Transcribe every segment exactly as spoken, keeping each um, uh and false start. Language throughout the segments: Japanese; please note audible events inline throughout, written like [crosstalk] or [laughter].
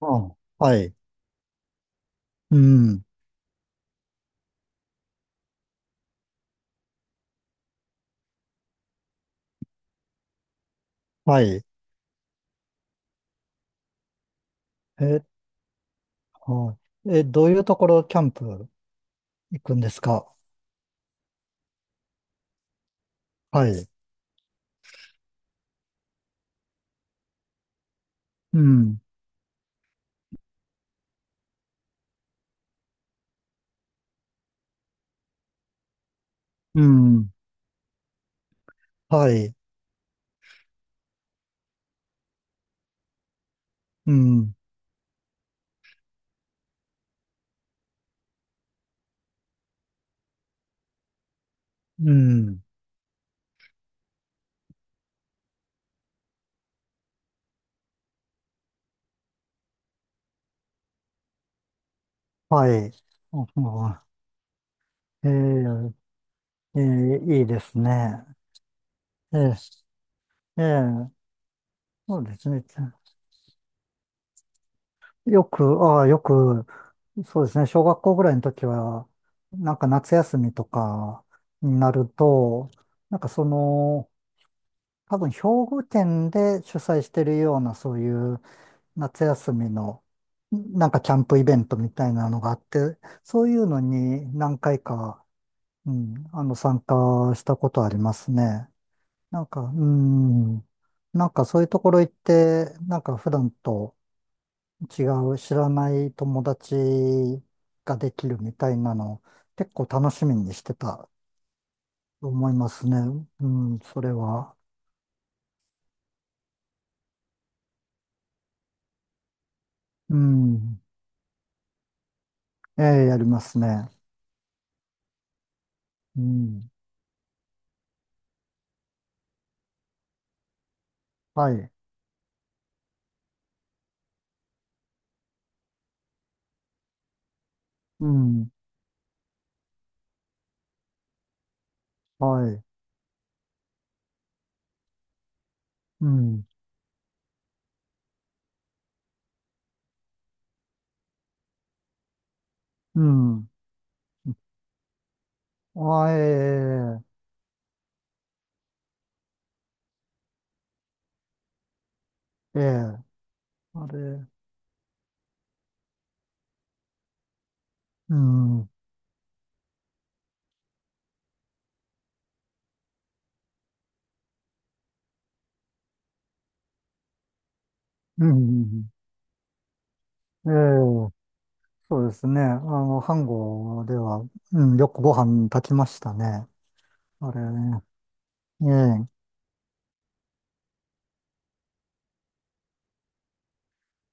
あ、はい。うん。はい。え、はい。え、どういうところキャンプ行くんですか？はい。うん。うん。はい。うん。うん。はい。ああ、えーえーいいですね。えーえーそうですね。よく、ああ、よく、そうですね。小学校ぐらいの時は、なんか夏休みとかになると、なんかその、多分、兵庫県で主催してるような、そういう夏休みの、なんかキャンプイベントみたいなのがあって、そういうのに何回か、うん、あの、参加したことありますね。なんか、うん、なんかそういうところ行って、なんか普段と違う知らない友達ができるみたいなの、結構楽しみにしてたと思いますね。うん、それは。うん、ええ、やりますね。うん。はい。うん。はい。うん。うん。あ、ええ、ええ、あれ、うん。うん。ええ、そうですね。あの、飯盒では、うん、よくご飯炊きましたね。あれね。ええ。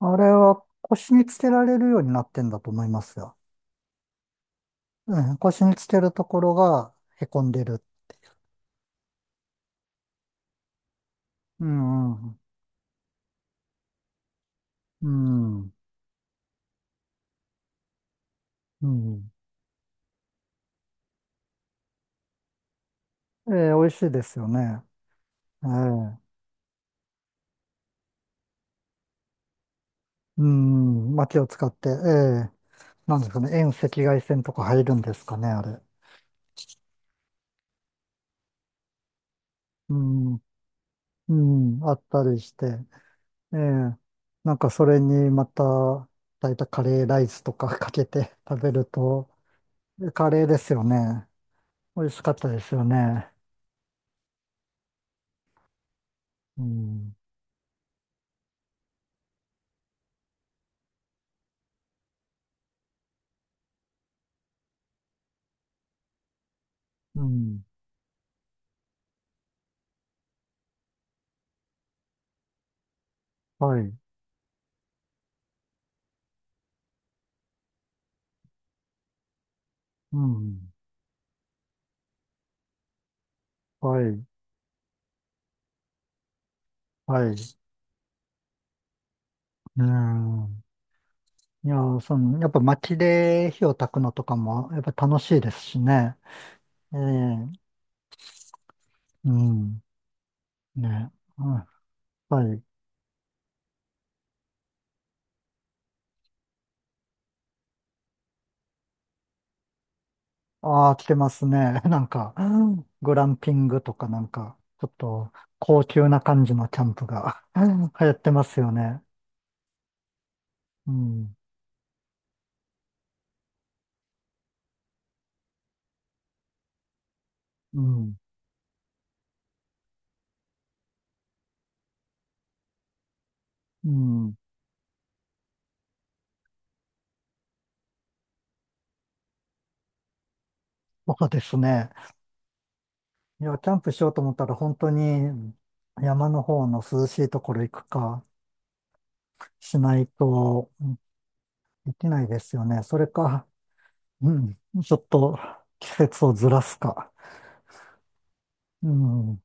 あれは腰につけられるようになってんだと思いますよ。うん、腰につけるところがへこんでる。うん。うん。うん。うん、ええ、美味しいですよね。ええ。うーん、薪を使って、ええ、なんですかね、遠赤外線とか入るんですかね、あれ。うん、うん、あったりして、ええ、なんかそれにまた、炊いたカレーライスとか [laughs] かけて [laughs] 食べると、カレーですよね。美味しかったですよね。うん、うん、はい、うん、はい、はい。うん、いやー、その、やっぱ薪で火を焚くのとかも、やっぱ楽しいですしね。ええ、うん。ね。うん、はい。ああ、来てますね。[laughs] なんか、グランピングとかなんか、ちょっと高級な感じのキャンプが [laughs] 流行ってますよね。うん。うん。うん。そうですね。いや、キャンプしようと思ったら本当に山の方の涼しいところ行くかしないとできないですよね。それか、うん。ちょっと季節をずらすか。うん。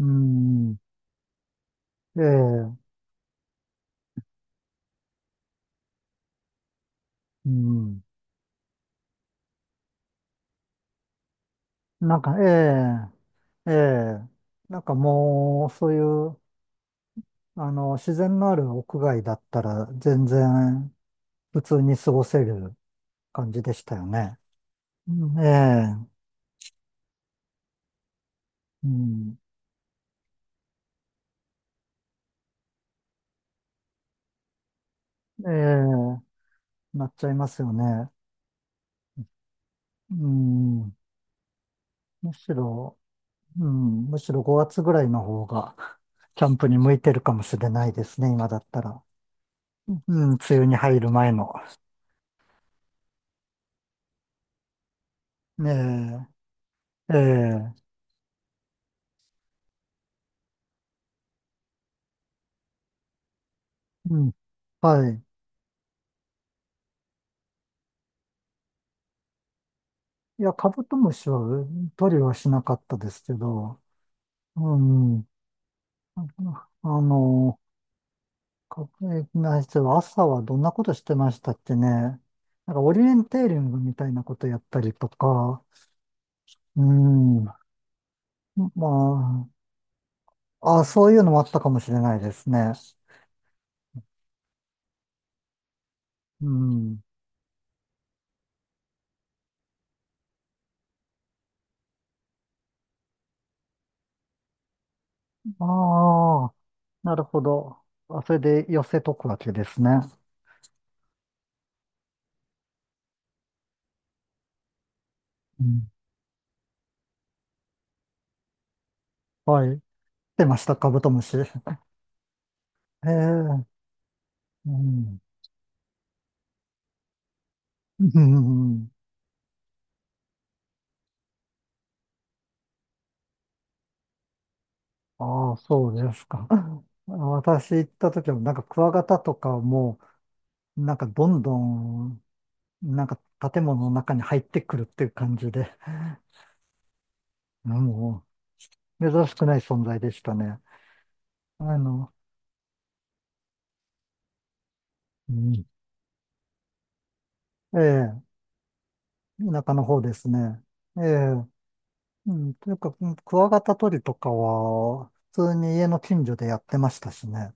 うん。ええ。うん。なんか、ええ、ええ、なんかもう、そういう、あの、自然のある屋外だったら、全然、普通に過ごせる感じでしたよね。うん、ええ、うん、ええ、なっちゃいますよね。うん、むしろ、うん、むしろごがつぐらいの方が、[laughs] キャンプに向いてるかもしれないですね、今だったら。うん、梅雨に入る前の。ええ、ええ、うん、はい。いや、カブトムシは取りはしなかったですけど、うん。あの、かえな朝はどんなことしてましたっけね。なんかオリエンテーリングみたいなことやったりとか、うん。まあ、あ、そういうのもあったかもしれないですね。うん。ああ、なるほど。あ、それで寄せとくわけですね。うん。はい。出ました、カブトムシ。[laughs] へえ。うん。うん。ああ、そうですか。[laughs] 私行った時は、なんかクワガタとかも、なんかどんどん、なんか建物の中に入ってくるっていう感じで、[laughs] もう、珍しくない存在でしたね。あの、うん、ええ、田舎の方ですね。ええ、うん、というか、クワガタ取りとかは、普通に家の近所でやってましたしね。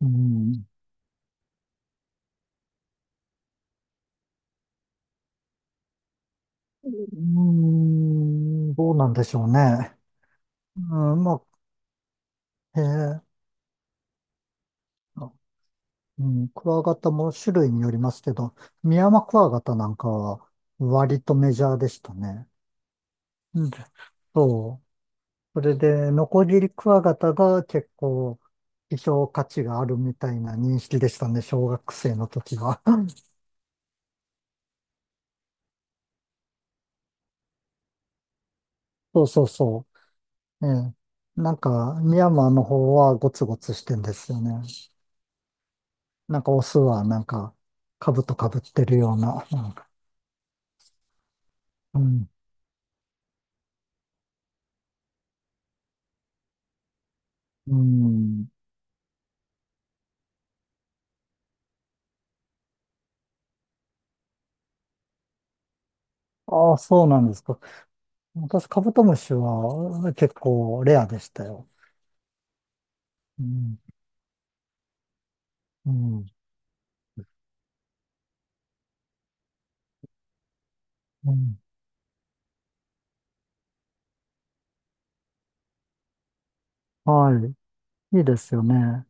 うん、うーん、どうなんでしょうね。うん、まあ、ええ、うん、クワガタも種類によりますけど、ミヤマクワガタなんかは割とメジャーでしたね。うん、そう。それで、ノコギリクワガタが結構希少価値があるみたいな認識でしたね、小学生の時は。[laughs] そうそうそう。ええ。なんか、ミヤマーの方はゴツゴツしてんですよね。なんかオスはなんか、兜かぶってるような。なんか、うん。うん。ああ、そうなんですか。私、カブトムシは結構レアでしたよ。うん、うん、うん。はい。いいですよね。